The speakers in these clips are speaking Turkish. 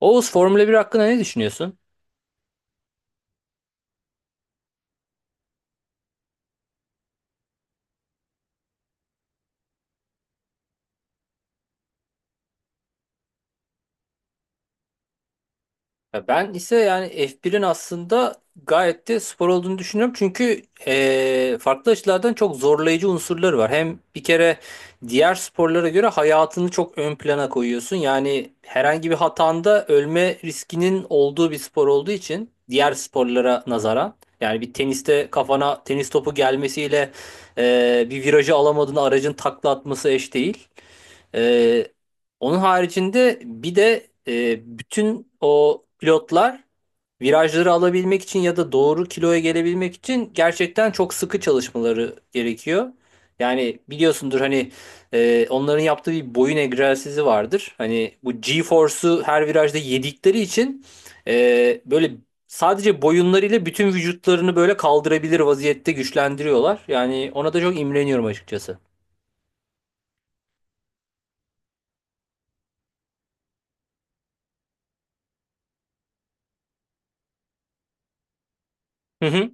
Oğuz Formula bir hakkında ne düşünüyorsun? Ya ben ise yani F1'in aslında gayet de spor olduğunu düşünüyorum. Çünkü farklı açılardan çok zorlayıcı unsurları var. Hem bir kere diğer sporlara göre hayatını çok ön plana koyuyorsun. Yani herhangi bir hatanda ölme riskinin olduğu bir spor olduğu için diğer sporlara nazaran. Yani bir teniste kafana tenis topu gelmesiyle bir virajı alamadığın aracın takla atması eş değil. Ee, onun haricinde bir de bütün o pilotlar virajları alabilmek için ya da doğru kiloya gelebilmek için gerçekten çok sıkı çalışmaları gerekiyor. Yani biliyorsundur hani onların yaptığı bir boyun egzersizi vardır. Hani bu G-force'u her virajda yedikleri için böyle sadece boyunlarıyla bütün vücutlarını böyle kaldırabilir vaziyette güçlendiriyorlar. Yani ona da çok imreniyorum açıkçası. Hı hı.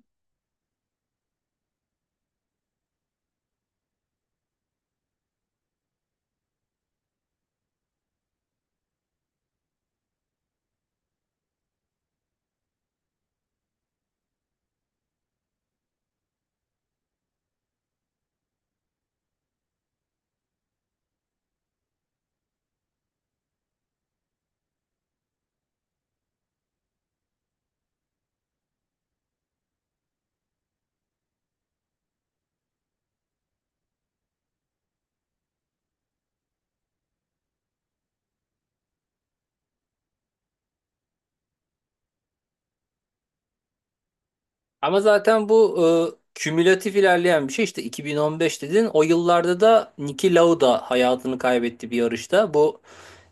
Ama zaten bu kümülatif ilerleyen bir şey. İşte 2015 dedin. O yıllarda da Niki Lauda hayatını kaybetti bir yarışta. Bu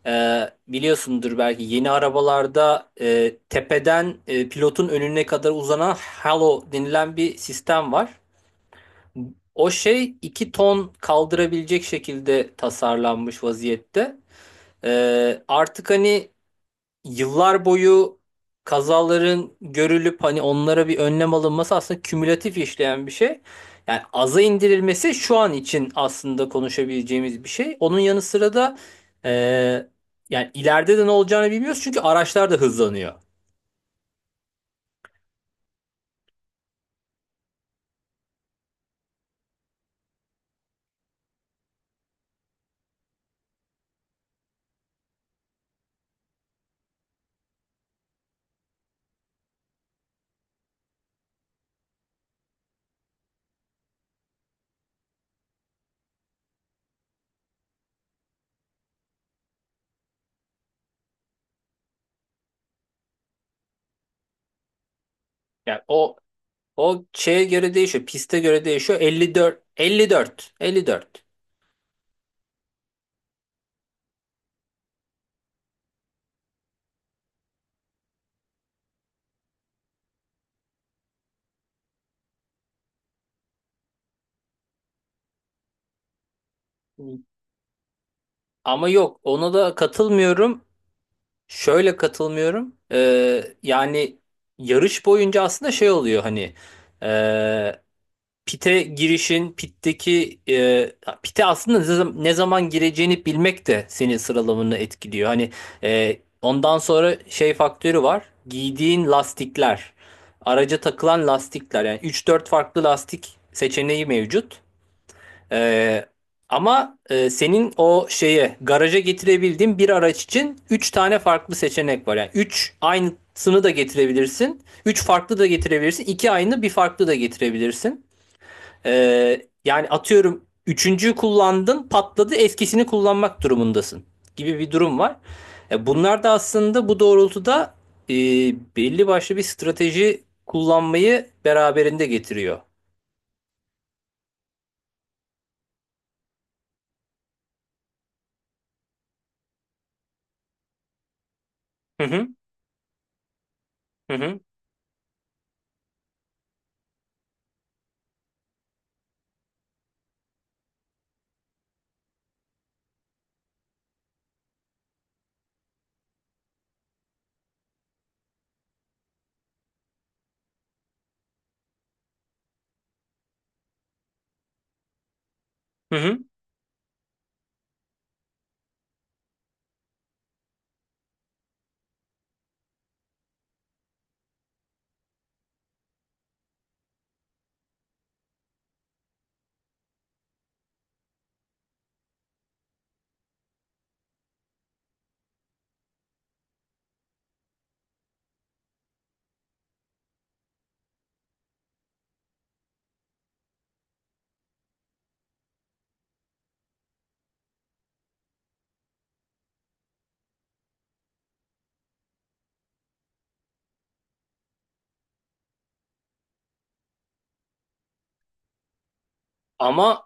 e, biliyorsundur belki yeni arabalarda tepeden pilotun önüne kadar uzanan halo denilen bir sistem var. O şey 2 ton kaldırabilecek şekilde tasarlanmış vaziyette. Artık hani yıllar boyu kazaların görülüp hani onlara bir önlem alınması aslında kümülatif işleyen bir şey. Yani aza indirilmesi şu an için aslında konuşabileceğimiz bir şey. Onun yanı sıra da yani ileride de ne olacağını bilmiyoruz çünkü araçlar da hızlanıyor. Yani o şeye göre değişiyor, piste göre değişiyor. 54 54 54. Ama yok ona da katılmıyorum. Şöyle katılmıyorum. Yani yarış boyunca aslında şey oluyor hani e, pite girişin pitteki pite aslında ne zaman gireceğini bilmek de senin sıralamanı etkiliyor. Hani ondan sonra şey faktörü var. Giydiğin lastikler, araca takılan lastikler yani üç dört farklı lastik seçeneği mevcut. Ee, ama senin o şeye garaja getirebildiğin bir araç için 3 tane farklı seçenek var. Yani 3 aynısını da getirebilirsin. Üç farklı da getirebilirsin. İki aynı bir farklı da getirebilirsin. Yani atıyorum üçüncüyü kullandın patladı eskisini kullanmak durumundasın gibi bir durum var. Bunlar da aslında bu doğrultuda e, belli başlı bir strateji kullanmayı beraberinde getiriyor. Hı hı, hı hı, hı hı. Ama.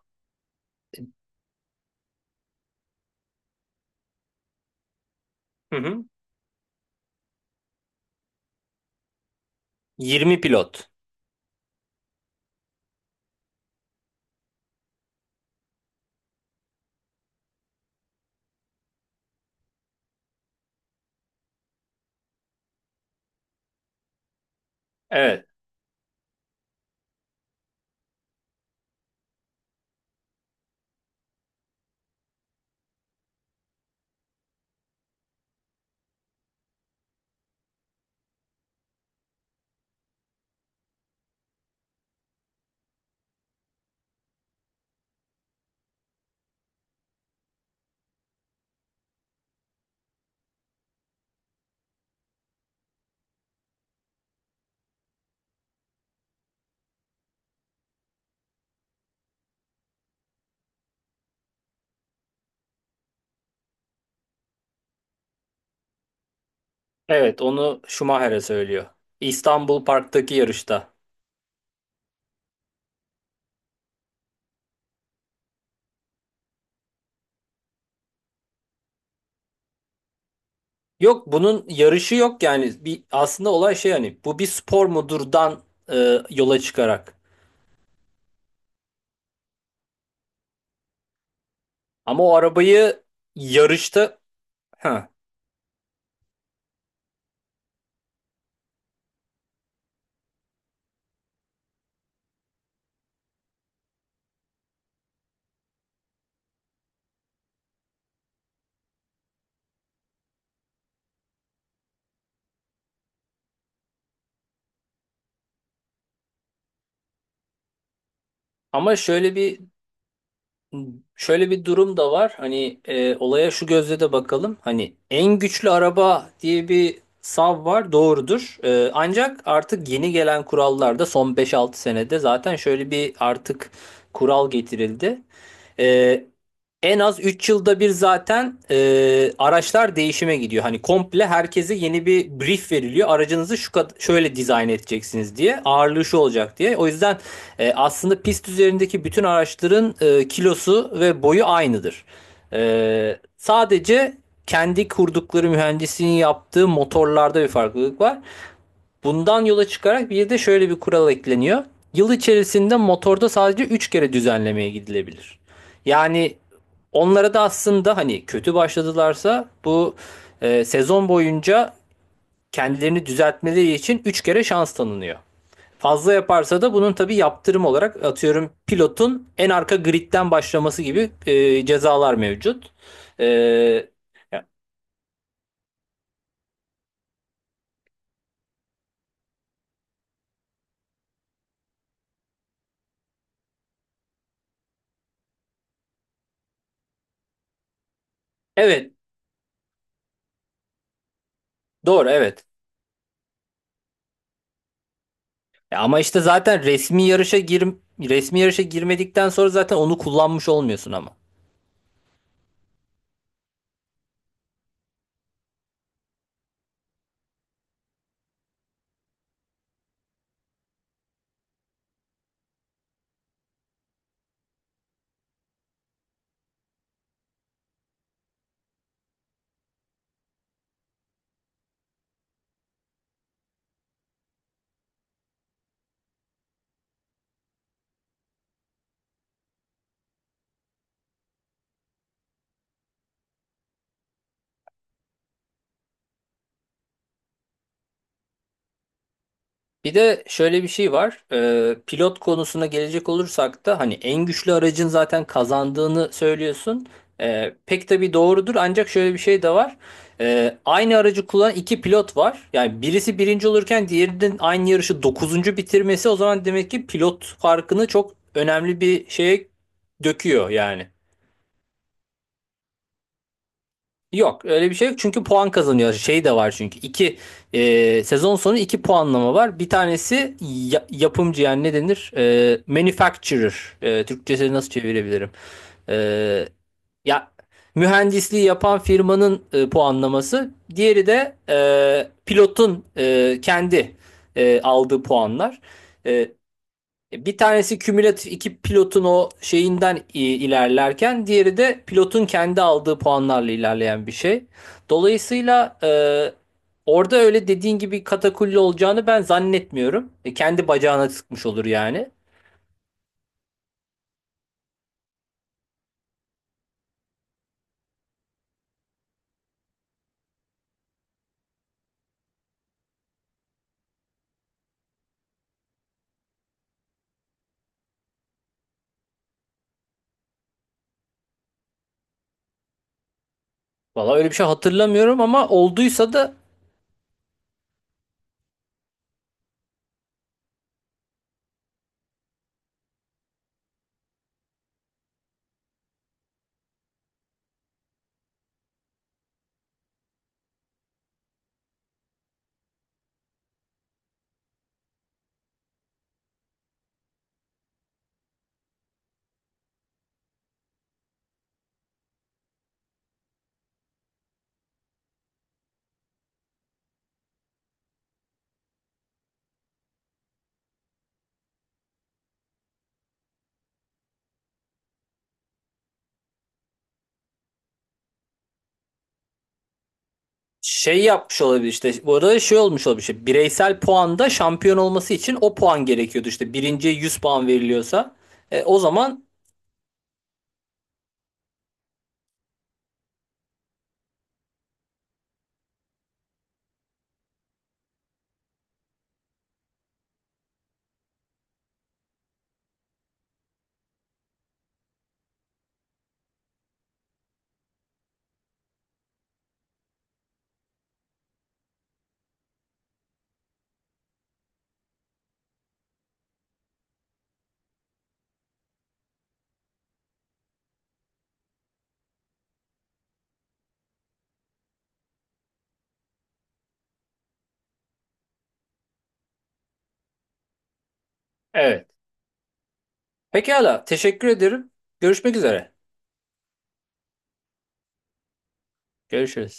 Hı hı. 20 pilot. Evet. Evet, onu Schumacher'e söylüyor. İstanbul Park'taki yarışta. Yok bunun yarışı yok yani. Bir, aslında olay şey hani bu bir spor mudurdan yola çıkarak. Ama o arabayı yarışta ha. Ama şöyle bir Şöyle bir durum da var. Hani olaya şu gözle de bakalım. Hani en güçlü araba diye bir sav var. Doğrudur. Ancak artık yeni gelen kurallarda son beş altı senede zaten şöyle bir artık kural getirildi. E, en az 3 yılda bir zaten araçlar değişime gidiyor. Hani komple herkese yeni bir brief veriliyor. Aracınızı şöyle dizayn edeceksiniz diye, ağırlığı şu olacak diye. O yüzden aslında pist üzerindeki bütün araçların kilosu ve boyu aynıdır. E, sadece kendi kurdukları mühendisliğin yaptığı motorlarda bir farklılık var. Bundan yola çıkarak bir de şöyle bir kural ekleniyor. Yıl içerisinde motorda sadece 3 kere düzenlemeye gidilebilir. Yani onlara da aslında hani kötü başladılarsa bu sezon boyunca kendilerini düzeltmeleri için 3 kere şans tanınıyor. Fazla yaparsa da bunun tabii yaptırım olarak atıyorum pilotun en arka gridden başlaması gibi cezalar mevcut. E, evet, doğru, evet. Ama işte zaten resmi yarışa girmedikten sonra zaten onu kullanmış olmuyorsun ama. Bir de şöyle bir şey var. Pilot konusuna gelecek olursak da hani en güçlü aracın zaten kazandığını söylüyorsun. Pek tabii doğrudur ancak şöyle bir şey de var. Aynı aracı kullanan iki pilot var. Yani birisi birinci olurken diğerinin aynı yarışı dokuzuncu bitirmesi o zaman demek ki pilot farkını çok önemli bir şeye döküyor yani. Yok öyle bir şey yok çünkü puan kazanıyor. Şey de var çünkü iki sezon sonu iki puanlama var. Bir tanesi yapımcı yani ne denir? Manufacturer. Türkçesini nasıl çevirebilirim? E, ya mühendisliği yapan firmanın puanlaması. Diğeri de pilotun kendi aldığı puanlar. E, bir tanesi kümülatif iki pilotun o şeyinden ilerlerken diğeri de pilotun kendi aldığı puanlarla ilerleyen bir şey. Dolayısıyla orada öyle dediğin gibi katakulli olacağını ben zannetmiyorum. Kendi bacağına sıkmış olur yani. Valla öyle bir şey hatırlamıyorum ama olduysa da şey yapmış olabilir işte. Bu arada şey olmuş olabilir işte bireysel puanda şampiyon olması için o puan gerekiyordu işte. Birinciye 100 puan veriliyorsa o zaman evet. Pekala, teşekkür ederim. Görüşmek üzere. Görüşürüz.